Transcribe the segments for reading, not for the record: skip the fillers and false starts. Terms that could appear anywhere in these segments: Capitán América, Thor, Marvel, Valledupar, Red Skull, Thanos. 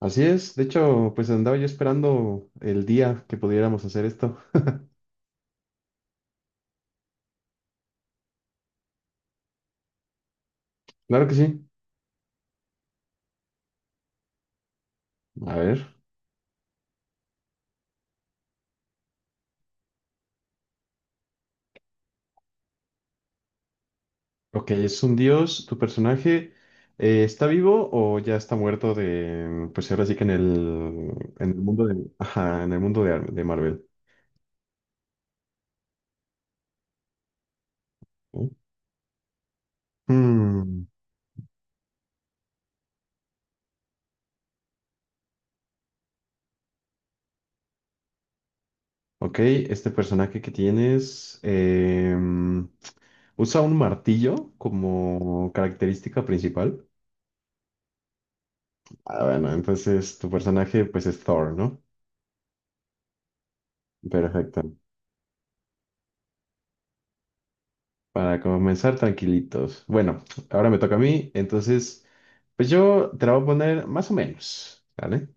Así es, de hecho, pues andaba yo esperando el día que pudiéramos hacer esto. Claro que sí. A ver. Ok, es un dios. ¿Tu personaje está vivo o ya está muerto de, pues ahora sí que en el mundo de, ajá, en el mundo de, de Marvel? ¿No? Hmm, Ok, este personaje que tienes usa un martillo como característica principal. Ah, bueno, entonces tu personaje pues es Thor, ¿no? Perfecto. Para comenzar tranquilitos. Bueno, ahora me toca a mí, entonces, pues yo te la voy a poner más o menos, ¿vale?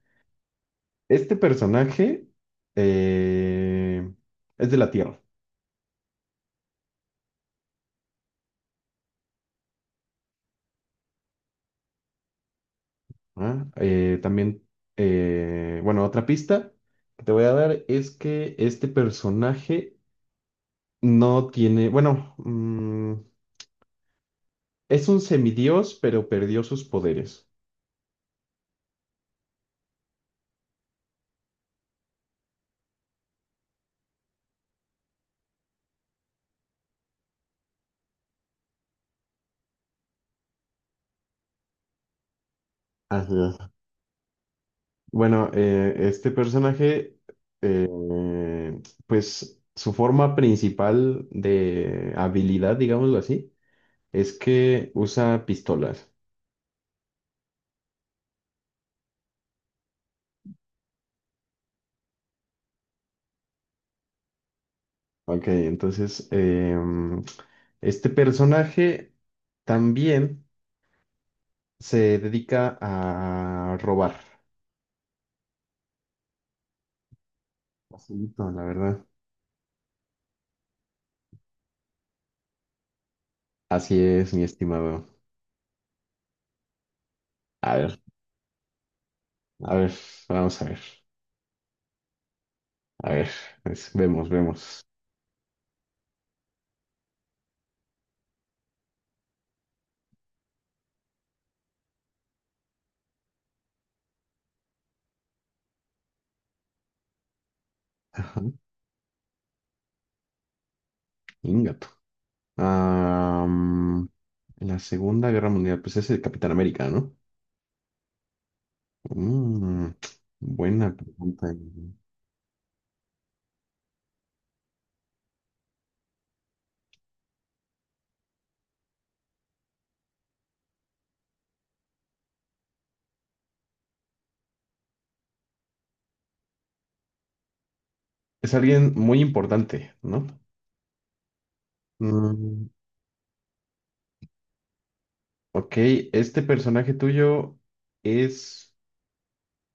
Este personaje eh, es de la Tierra. ¿Ah? También, bueno, otra pista que te voy a dar es que este personaje no tiene, bueno, es un semidios, pero perdió sus poderes. Ajá. Bueno, este personaje, eh, pues su forma principal de habilidad, digámoslo así, es que usa pistolas. Ok, entonces este personaje también se dedica a robar. Facilito, la verdad. Así es, mi estimado. A ver, a ver, vamos a ver. A ver, vemos, vemos. Ajá, ingato. Am, la Segunda Guerra Mundial, pues es el Capitán América, ¿no? Mm, buena pregunta. Es alguien muy importante, ¿no? Mm, ok, este personaje tuyo es,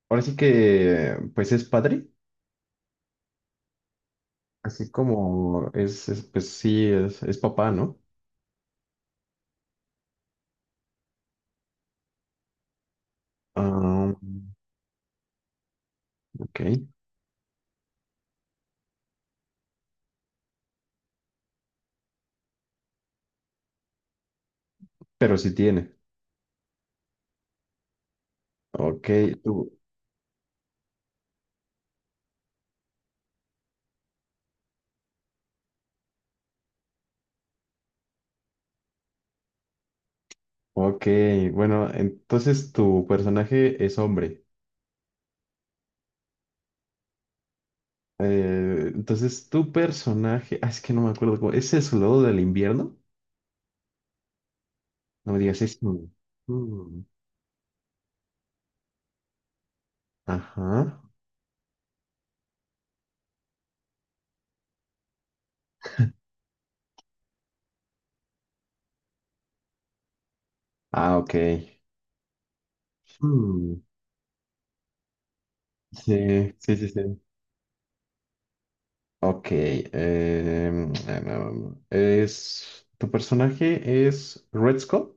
ahora sí que, pues es padre, así como es, pues sí, es papá, ¿no? Ah, ok, pero sí tiene. Ok, tú, ok, bueno, entonces tu personaje es hombre. Entonces, tu personaje, ah, es que no me acuerdo cómo, ¿es el soldado del invierno? No me digas eso. Mm. Ajá. Ah, ok. Mm. Sí, sí, sí, sí. Ok. Ah, no, es, tu personaje es Red Skull.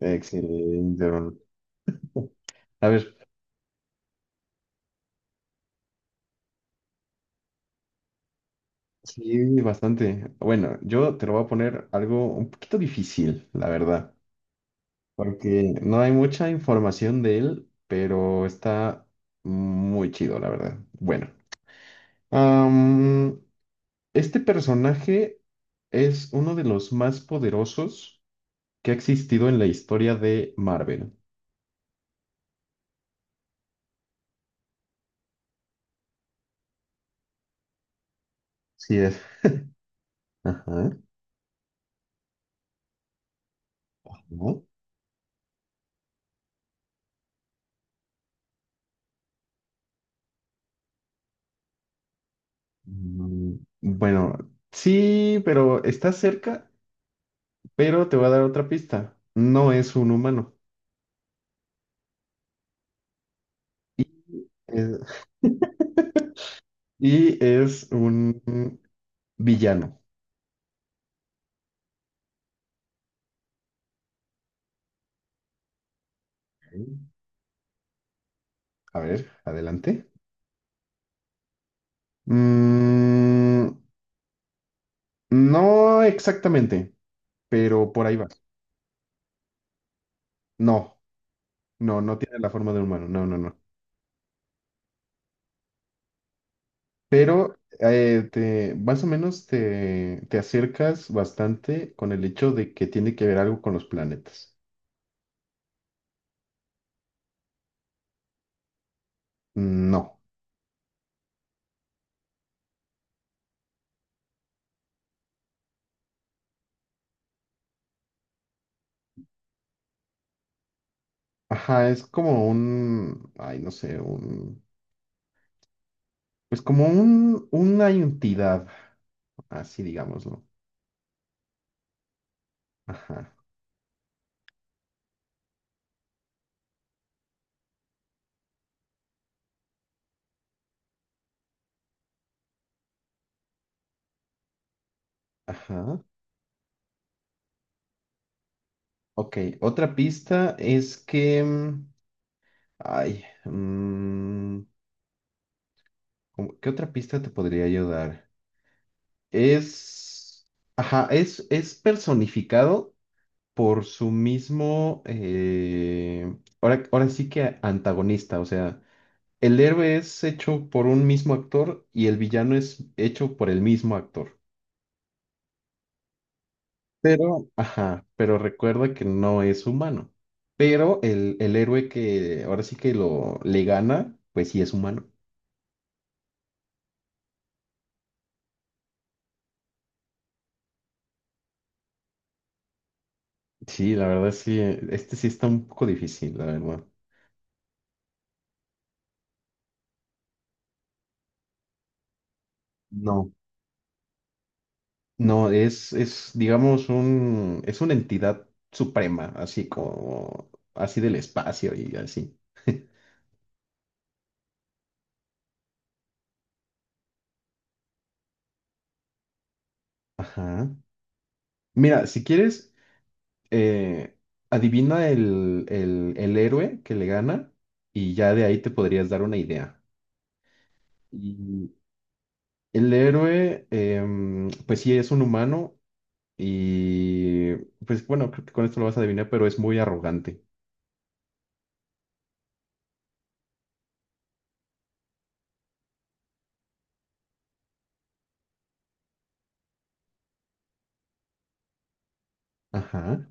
Excelente. A ver, sí, bastante. Bueno, yo te lo voy a poner algo un poquito difícil, la verdad, porque no hay mucha información de él, pero está muy chido, la verdad. Bueno, am, este personaje es uno de los más poderosos que ha existido en la historia de Marvel. Sí es. Ajá. ¿No? Mm, bueno, sí, pero está cerca, pero te voy a dar otra pista. No es un humano. Es- y es un villano. Ok. A ver, adelante. Mm, no exactamente, pero por ahí va. No, no, no tiene la forma de un humano, no, no, no. Pero te, más o menos te, te acercas bastante con el hecho de que tiene que ver algo con los planetas. No. Ajá, es como un, ay, no sé, un, pues como un, una entidad, así digámoslo. Ajá, ajá. Ok, otra pista es que, ay, como- ¿Qué otra pista te podría ayudar? Es, ajá, es personificado por su mismo, ahora, ahora sí que antagonista, o sea, el héroe es hecho por un mismo actor y el villano es hecho por el mismo actor. Pero, ajá, pero recuerda que no es humano. Pero el héroe que ahora sí que lo le gana, pues sí es humano. Sí, la verdad sí, este sí está un poco difícil, la verdad. No. No, es, digamos, un, es una entidad suprema, así como, así del espacio y así. Ajá. Mira, si quieres, eh, adivina el héroe que le gana y ya de ahí te podrías dar una idea. Y el héroe, pues sí, es un humano y, pues bueno, creo que con esto lo vas a adivinar, pero es muy arrogante. Ajá.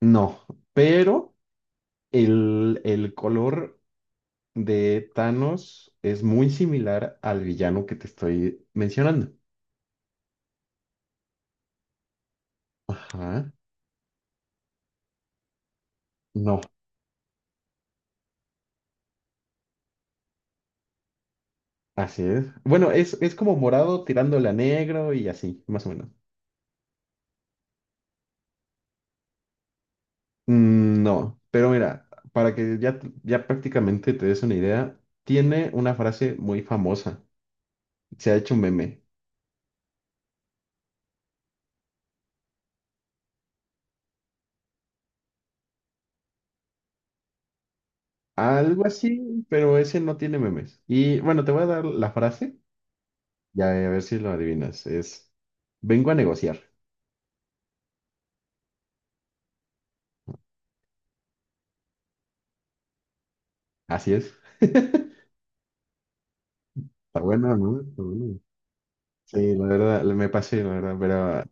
No, pero el color de Thanos es muy similar al villano que te estoy mencionando. Ajá. No, así es. Bueno, es como morado tirándole a negro y así, más o menos. Mm, no, pero mira, para que ya, ya prácticamente te des una idea, tiene una frase muy famosa. Se ha hecho un meme. Algo así, pero ese no tiene memes. Y bueno, te voy a dar la frase. Ya, a ver si lo adivinas. Es, vengo a negociar. Así es. Está bueno, ¿no? Está bueno. Sí, la verdad, me pasé, la verdad,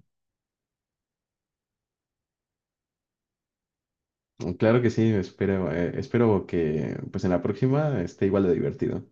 pero claro que sí, espero, espero que pues en la próxima esté igual de divertido.